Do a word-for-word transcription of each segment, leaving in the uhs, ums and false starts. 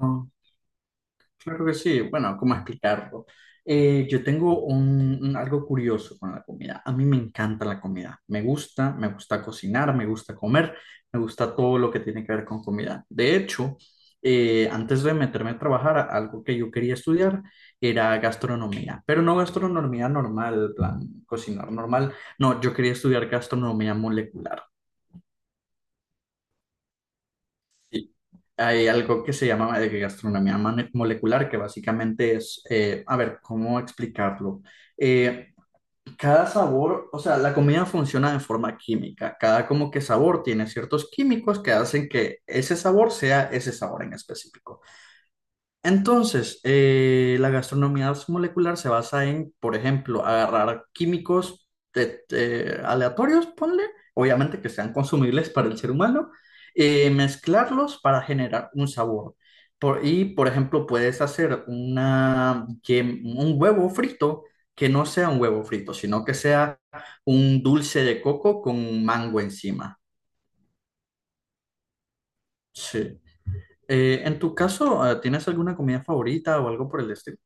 Ah, Claro que sí. Bueno, ¿cómo explicarlo? Eh, yo tengo un, un- algo curioso con la comida. A mí me encanta la comida. Me gusta, me gusta cocinar, me gusta comer, me gusta todo lo que tiene que ver con comida. De hecho, eh, antes de meterme a trabajar, algo que yo quería estudiar era gastronomía, pero no gastronomía normal, en plan, cocinar normal. No, yo quería estudiar gastronomía molecular. Hay algo que se llama eh, gastronomía mane- molecular, que básicamente es, eh, a ver, ¿cómo explicarlo? Eh, cada sabor, o sea, la comida funciona de forma química. Cada como que sabor tiene ciertos químicos que hacen que ese sabor sea ese sabor en específico. Entonces, eh, la gastronomía molecular se basa en, por ejemplo, agarrar químicos de- de- aleatorios, ponle, obviamente que sean consumibles para el ser humano, eh, mezclarlos para generar un sabor. Por- y, por ejemplo, puedes hacer una, yem- un huevo frito que no sea un huevo frito, sino que sea un dulce de coco con mango encima. Sí. Eh, en tu caso, eh, ¿tienes alguna comida favorita o algo por el estilo?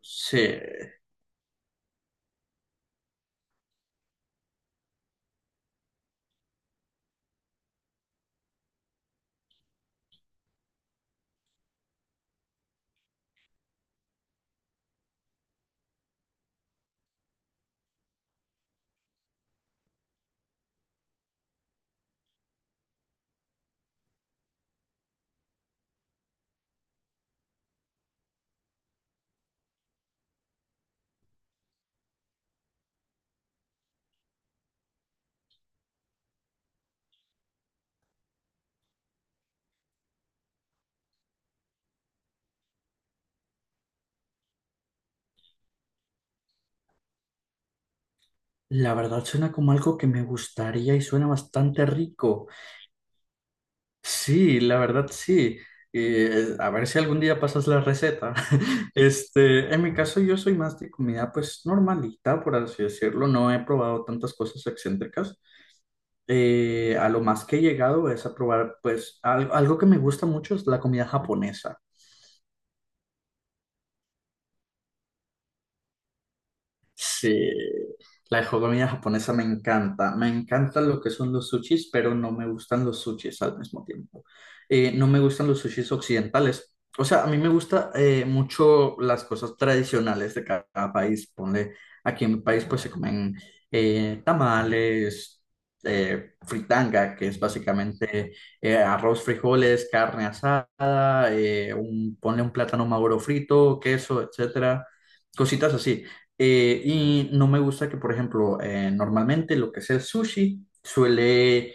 Sí. La verdad suena como algo que me gustaría y suena bastante rico. Sí, la verdad sí. Eh, a ver si algún día pasas la receta. Este, en mi caso yo soy más de comida pues normalita, por así decirlo. No he probado tantas cosas excéntricas. Eh, a lo más que he llegado es a probar pues al- algo que me gusta mucho es la comida japonesa. Sí, la comida japonesa me encanta. Me encanta lo que son los sushis, pero no me gustan los sushis al mismo tiempo. Eh, no me gustan los sushis occidentales. O sea, a mí me gusta eh, mucho las cosas tradicionales de cada, país. Ponle, aquí en mi país pues se comen eh, tamales, eh, fritanga, que es básicamente eh, arroz, frijoles, carne asada, eh, un, ponle un plátano maduro frito, queso, etcétera. Cositas así. Eh, y no me gusta que, por ejemplo, eh, normalmente lo que es el sushi suele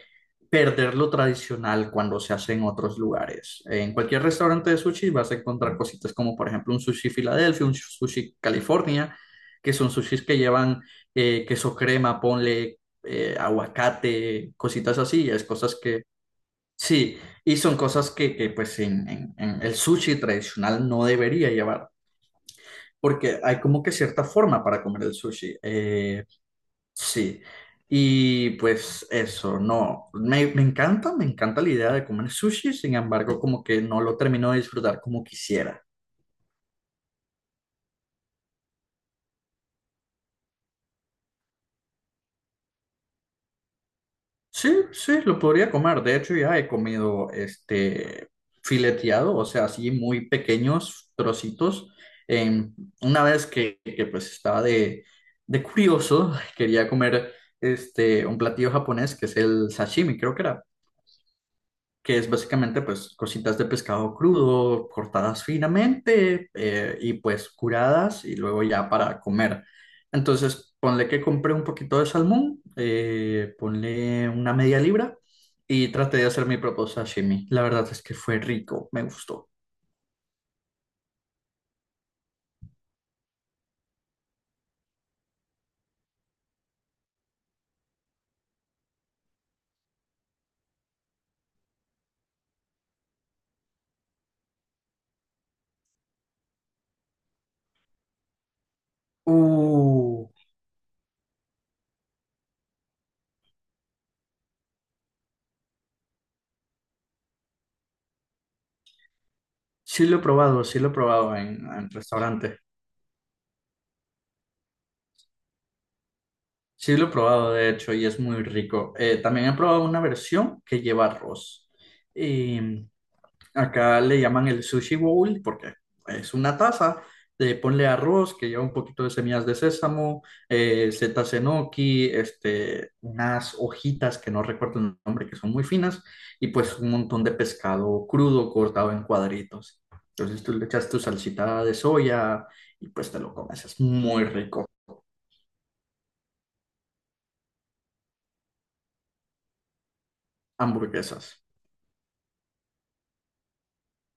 perder lo tradicional cuando se hace en otros lugares. En cualquier restaurante de sushi vas a encontrar cositas como, por ejemplo, un sushi Filadelfia, un sushi California, que son sushis que llevan eh, queso crema, ponle eh, aguacate, cositas así. Es cosas que, sí, y son cosas que, que, pues, en en- en el sushi tradicional no debería llevar porque hay como que cierta forma para comer el sushi. eh, sí. Y pues eso, no, me, me encanta, me encanta la idea de comer sushi, sin embargo, como que no lo termino de disfrutar como quisiera. Sí, sí, lo podría comer. De hecho, ya he comido este fileteado, o sea, así muy pequeños trocitos. En- una vez que, que, pues estaba de, de curioso, quería comer este un platillo japonés que es el sashimi, creo que era. Que es básicamente pues cositas de pescado crudo, cortadas finamente eh, y pues curadas y luego ya para comer. Entonces, ponle que compré un poquito de salmón, eh, ponle una media libra y traté de hacer mi propio sashimi. La verdad es que fue rico, me gustó. Uh, sí lo he probado, sí lo he probado en, en restaurante. Sí lo he probado, de hecho, y es muy rico. Eh, también he probado una versión que lleva arroz. Em, Acá le llaman el sushi bowl porque es una taza de ponle arroz que lleva un poquito de semillas de sésamo, eh, setas enoki, este, unas hojitas que no recuerdo el nombre, que son muy finas, y pues un montón de pescado crudo cortado en cuadritos. Entonces tú le echas tu salsita de soya y pues te lo comes. Es muy rico. Hamburguesas.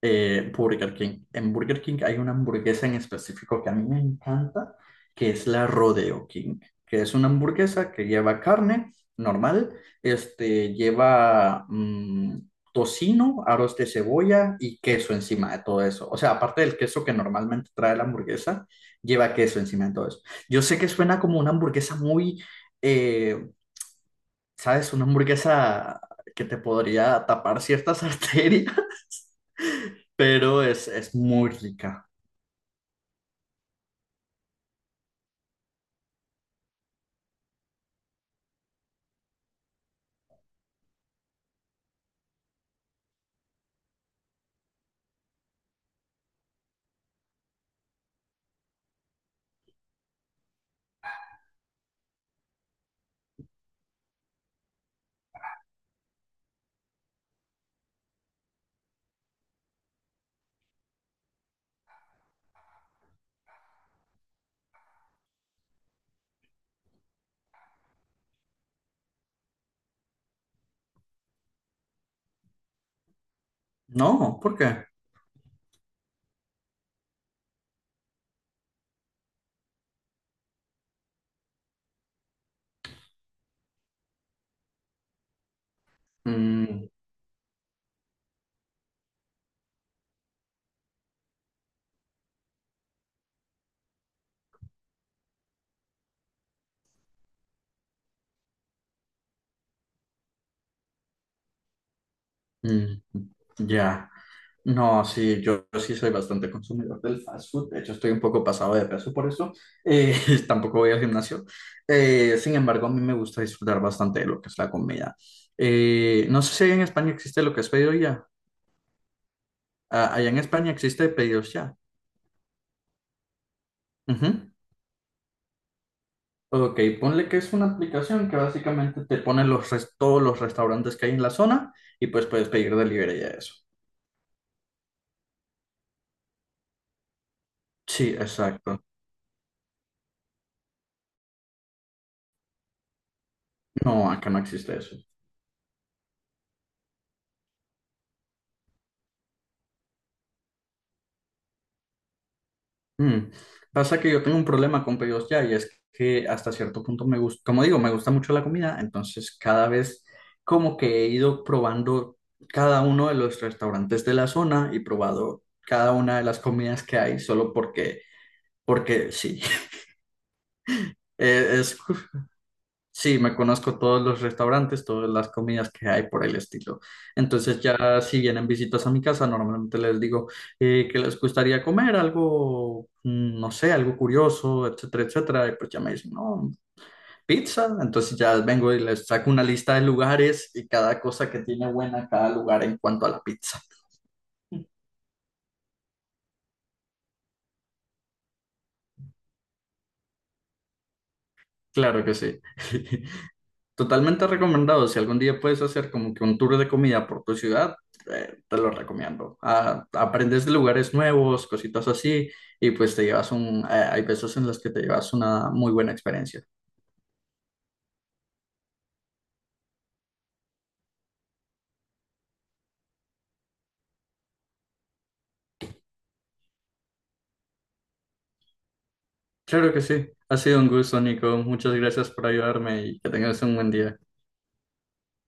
eh, Burger King. En Burger King hay una hamburguesa en específico que a mí me encanta, que es la Rodeo King, que es una hamburguesa que lleva carne normal, este, lleva mm, tocino, aros de cebolla y queso encima de todo eso. O sea, aparte del queso que normalmente trae la hamburguesa, lleva queso encima de todo eso. Yo sé que suena como una hamburguesa muy, eh, ¿sabes? Una hamburguesa que te podría tapar ciertas arterias pero es, es muy rica. No, ¿por qué? Mm, mm, ya. No, sí, yo, yo sí soy bastante consumidor del fast food. De hecho, estoy un poco pasado de peso por eso. Eh, tampoco voy al gimnasio. Eh, sin embargo, a mí me gusta disfrutar bastante de lo que es la comida. Eh, no sé si en España existe lo que es pedido ya. Ah, allá en España existe pedidos ya. Ujú. Ok, ponle que es una aplicación que básicamente te pone los res- todos los restaurantes que hay en la zona y pues puedes pedir delivery de eso. Sí, exacto. No, acá no existe eso. Mm. Pasa que yo tengo un problema con pedidos ya y es que hasta cierto punto me gusta, como digo, me gusta mucho la comida, entonces cada vez como que he ido probando cada uno de los restaurantes de la zona y probado cada una de las comidas que hay solo porque, porque sí. Eh, Es, Sí, me conozco todos los restaurantes, todas las comidas que hay por el estilo. Entonces ya si vienen visitas a mi casa, normalmente les digo eh, que les gustaría comer algo, mm, no sé, algo curioso, etcétera, etcétera. Y pues ya me dicen, no, pizza. Entonces ya vengo y les saco una lista de lugares y cada cosa que tiene buena cada lugar en cuanto a la pizza. Claro que sí. Totalmente recomendado. Si algún día puedes hacer como que un tour de comida por tu ciudad, eh, te lo recomiendo. Ah, aprendes de lugares nuevos, cositas así, y pues te llevas un... eh, hay veces en las que te llevas una muy buena experiencia. Claro que sí. Ha sido un gusto, Nico. Muchas gracias por ayudarme y que tengas un buen día.